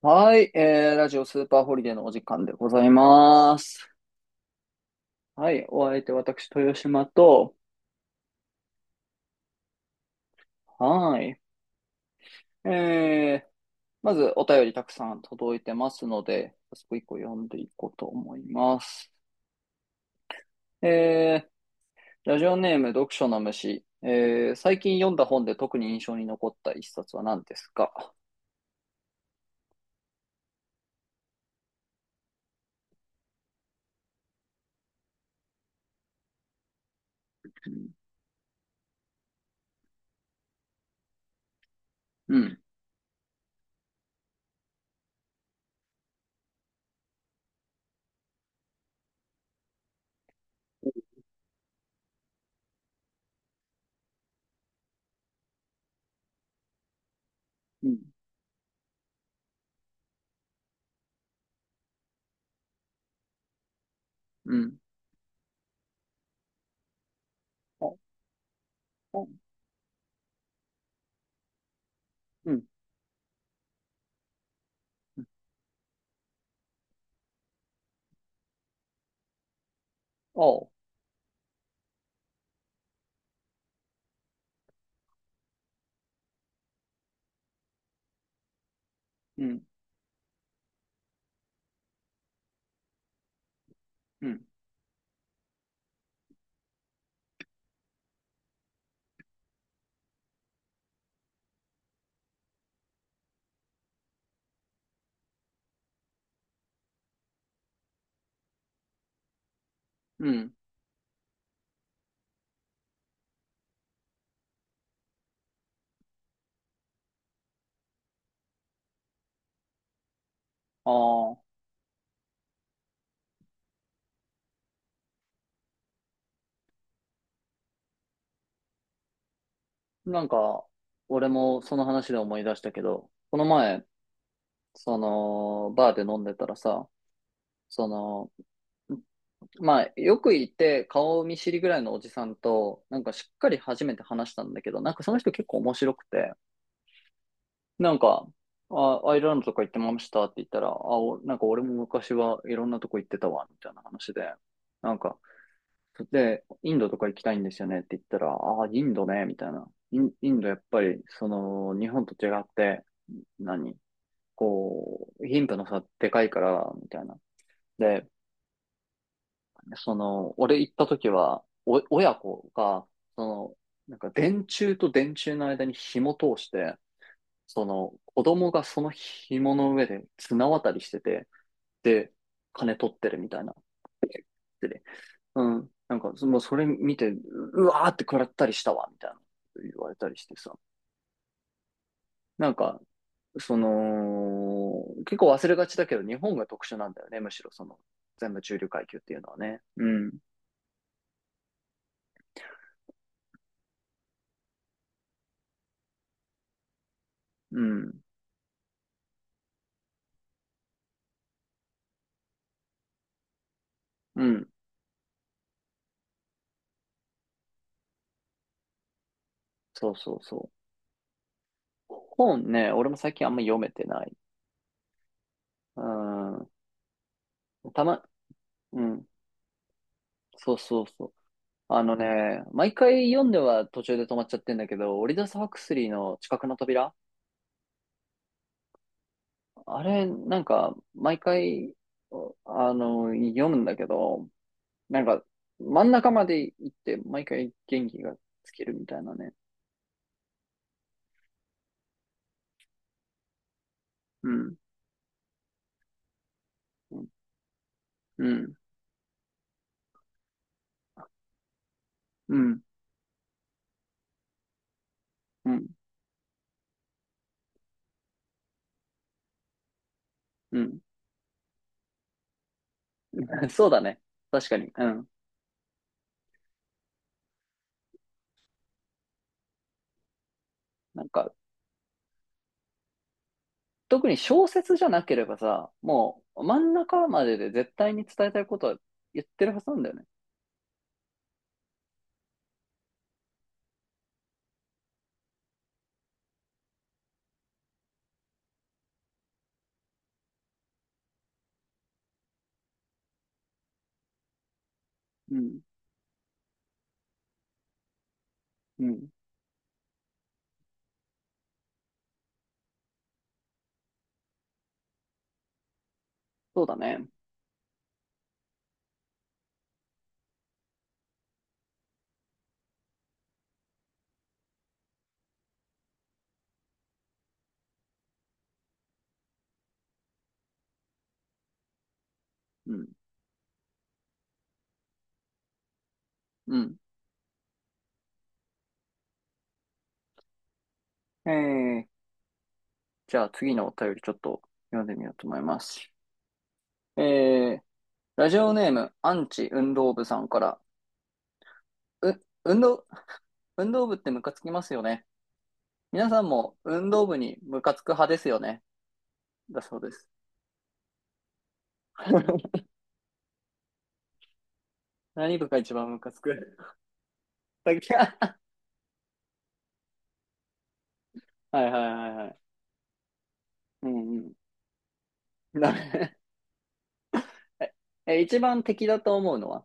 はい、ラジオスーパーホリデーのお時間でございます。はい、お相手私、豊島と、はい、えー、まずお便りたくさん届いてますので、早速一個読んでいこうと思います。えラジオネーム読書の虫、最近読んだ本で特に印象に残った一冊は何ですか？うん、うん、うん、あ、あ、うん、うん、あ、うん、うん、うん、あー。なんか、俺もその話で思い出したけど、この前、その、バーで飲んでたらさ、その、まあ、よくいて顔見知りぐらいのおじさんと、なんかしっかり初めて話したんだけど、なんかその人結構面白くて、なんか、あ、アイルランドとか行ってましたって言ったら、あ、おなんか俺も昔はいろんなとこ行ってたわ、みたいな話で、なんか、で、インドとか行きたいんですよねって言ったら、ああ、インドね、みたいな。インドやっぱり、その、日本と違って、何こう、貧富の差でかいから、みたいな。で、その、俺行った時は、お、親子が、その、なんか電柱と電柱の間に紐通して、その、子供がその紐の上で綱渡りしてて、で、金取ってるみたいな。うん。なんか、そもうそれ見て、う、うわーって食らったりしたわ、みたいな言われたりしてさ。なんか、その、結構忘れがちだけど、日本が特殊なんだよね、むしろその、全部中流階級っていうのはね。うん、うん、うん。そうそうそう。本ね、俺も最近あんま読めてない。うん。たま、うん。そうそうそう。あのね、毎回読んでは途中で止まっちゃってんだけど、オリダス・ハクスリーの知覚の扉、あれ、なんか、毎回、あの、読むんだけど、なんか、真ん中まで行って、毎回元気がつけるみたいなね。うん。うん。うん。うん。うん。うん。 そうだね。確かに。うん。なんか、特に小説じゃなければさ、もう、真ん中までで絶対に伝えたいことは言ってるはずなんだよね。うん。うん。そうだね。うん。うん。えー、じゃあ次のお便りちょっと読んでみようと思います。えーラジオネーム、アンチ運動部さんから、う、運動、運動部ってムカつきますよね。皆さんも運動部にムカつく派ですよね。だそうです。何部が一番ムカつく？ はいはいはいはい。うんうん。な。 え、一番敵だと思うのは。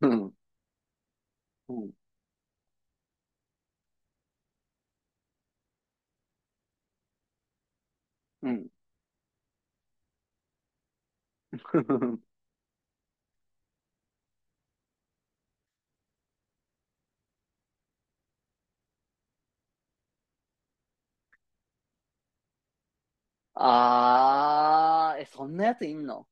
うん、うん、うん。あー、え、そんなやついんの？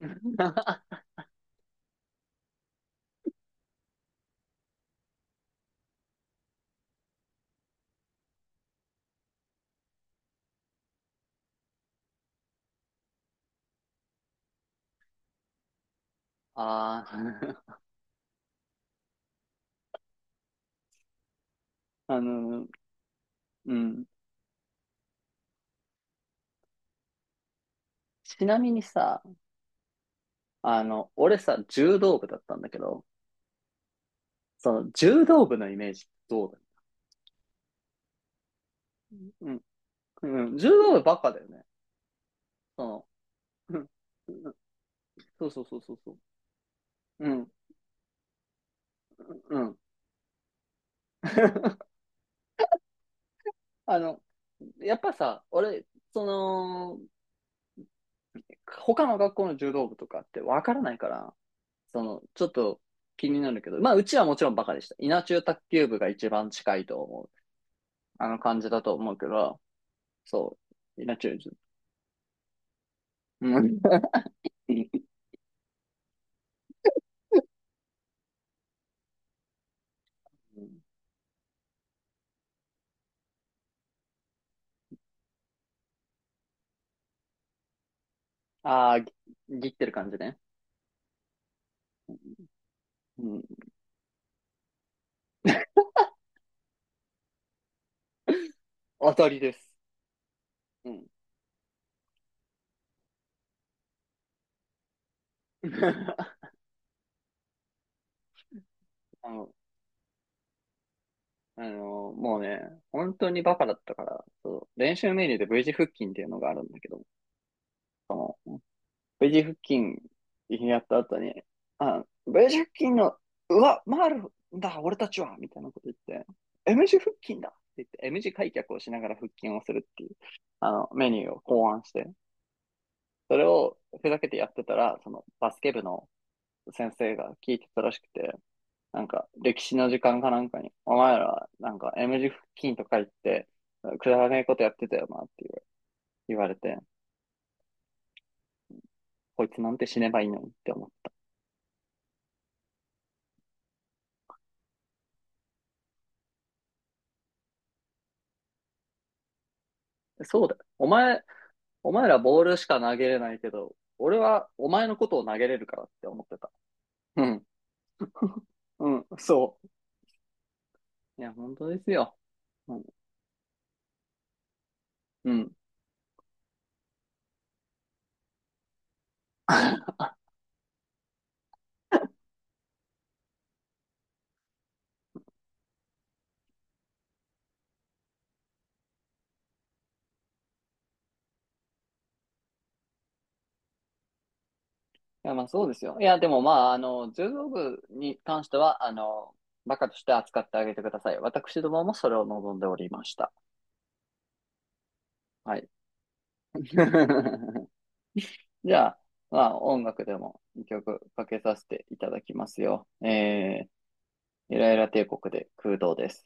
あー。あの、うん。ちなみにさ、あの、俺さ、柔道部だったんだけど、その柔道部のイメージどう？だ、うん、うん、柔道部バカだよね。その、うん。そうそうそうそうそう。うん、うん。あの、やっぱさ、俺、その、他の学校の柔道部とかってわからないから、その、ちょっと気になるけど、まあ、うちはもちろんバカでした。稲中卓球部が一番近いと思う、あの感じだと思うけど、そう、稲中、うん。ああ、ぎ、ぎってる感じね。うん。当たりです。うん。あの、あのもうね、本当にバカだったから、そう、練習メニューで V 字腹筋っていうのがあるんだけど、その V 字腹筋やった後に、あ、V 字腹筋の、うわ、回るんだ、俺たちはみたいなこと言って、M 字腹筋だって言って、M 字開脚をしながら腹筋をするっていう、あの、メニューを考案して、それをふざけてやってたら、そのバスケ部の先生が聞いてたらしくて、なんか、歴史の時間かなんかに、お前ら、なんか、M 字付近とか言って、くだらねえことやってたよなって言われて、こいつなんて死ねばいいのにって思って。そうだよ。お前、お前らボールしか投げれないけど、俺はお前のことを投げれるからって思ってた。うん。うん、そう。いや、本当ですよ。うん。うん。いや、まあそうですよ。いや、でもまあ、あの、柔道部に関しては、あの、バカとして扱ってあげてください。私どももそれを望んでおりました。はい。じゃあ、まあ、音楽でも2曲かけさせていただきますよ。ゆらゆら帝国で空洞です。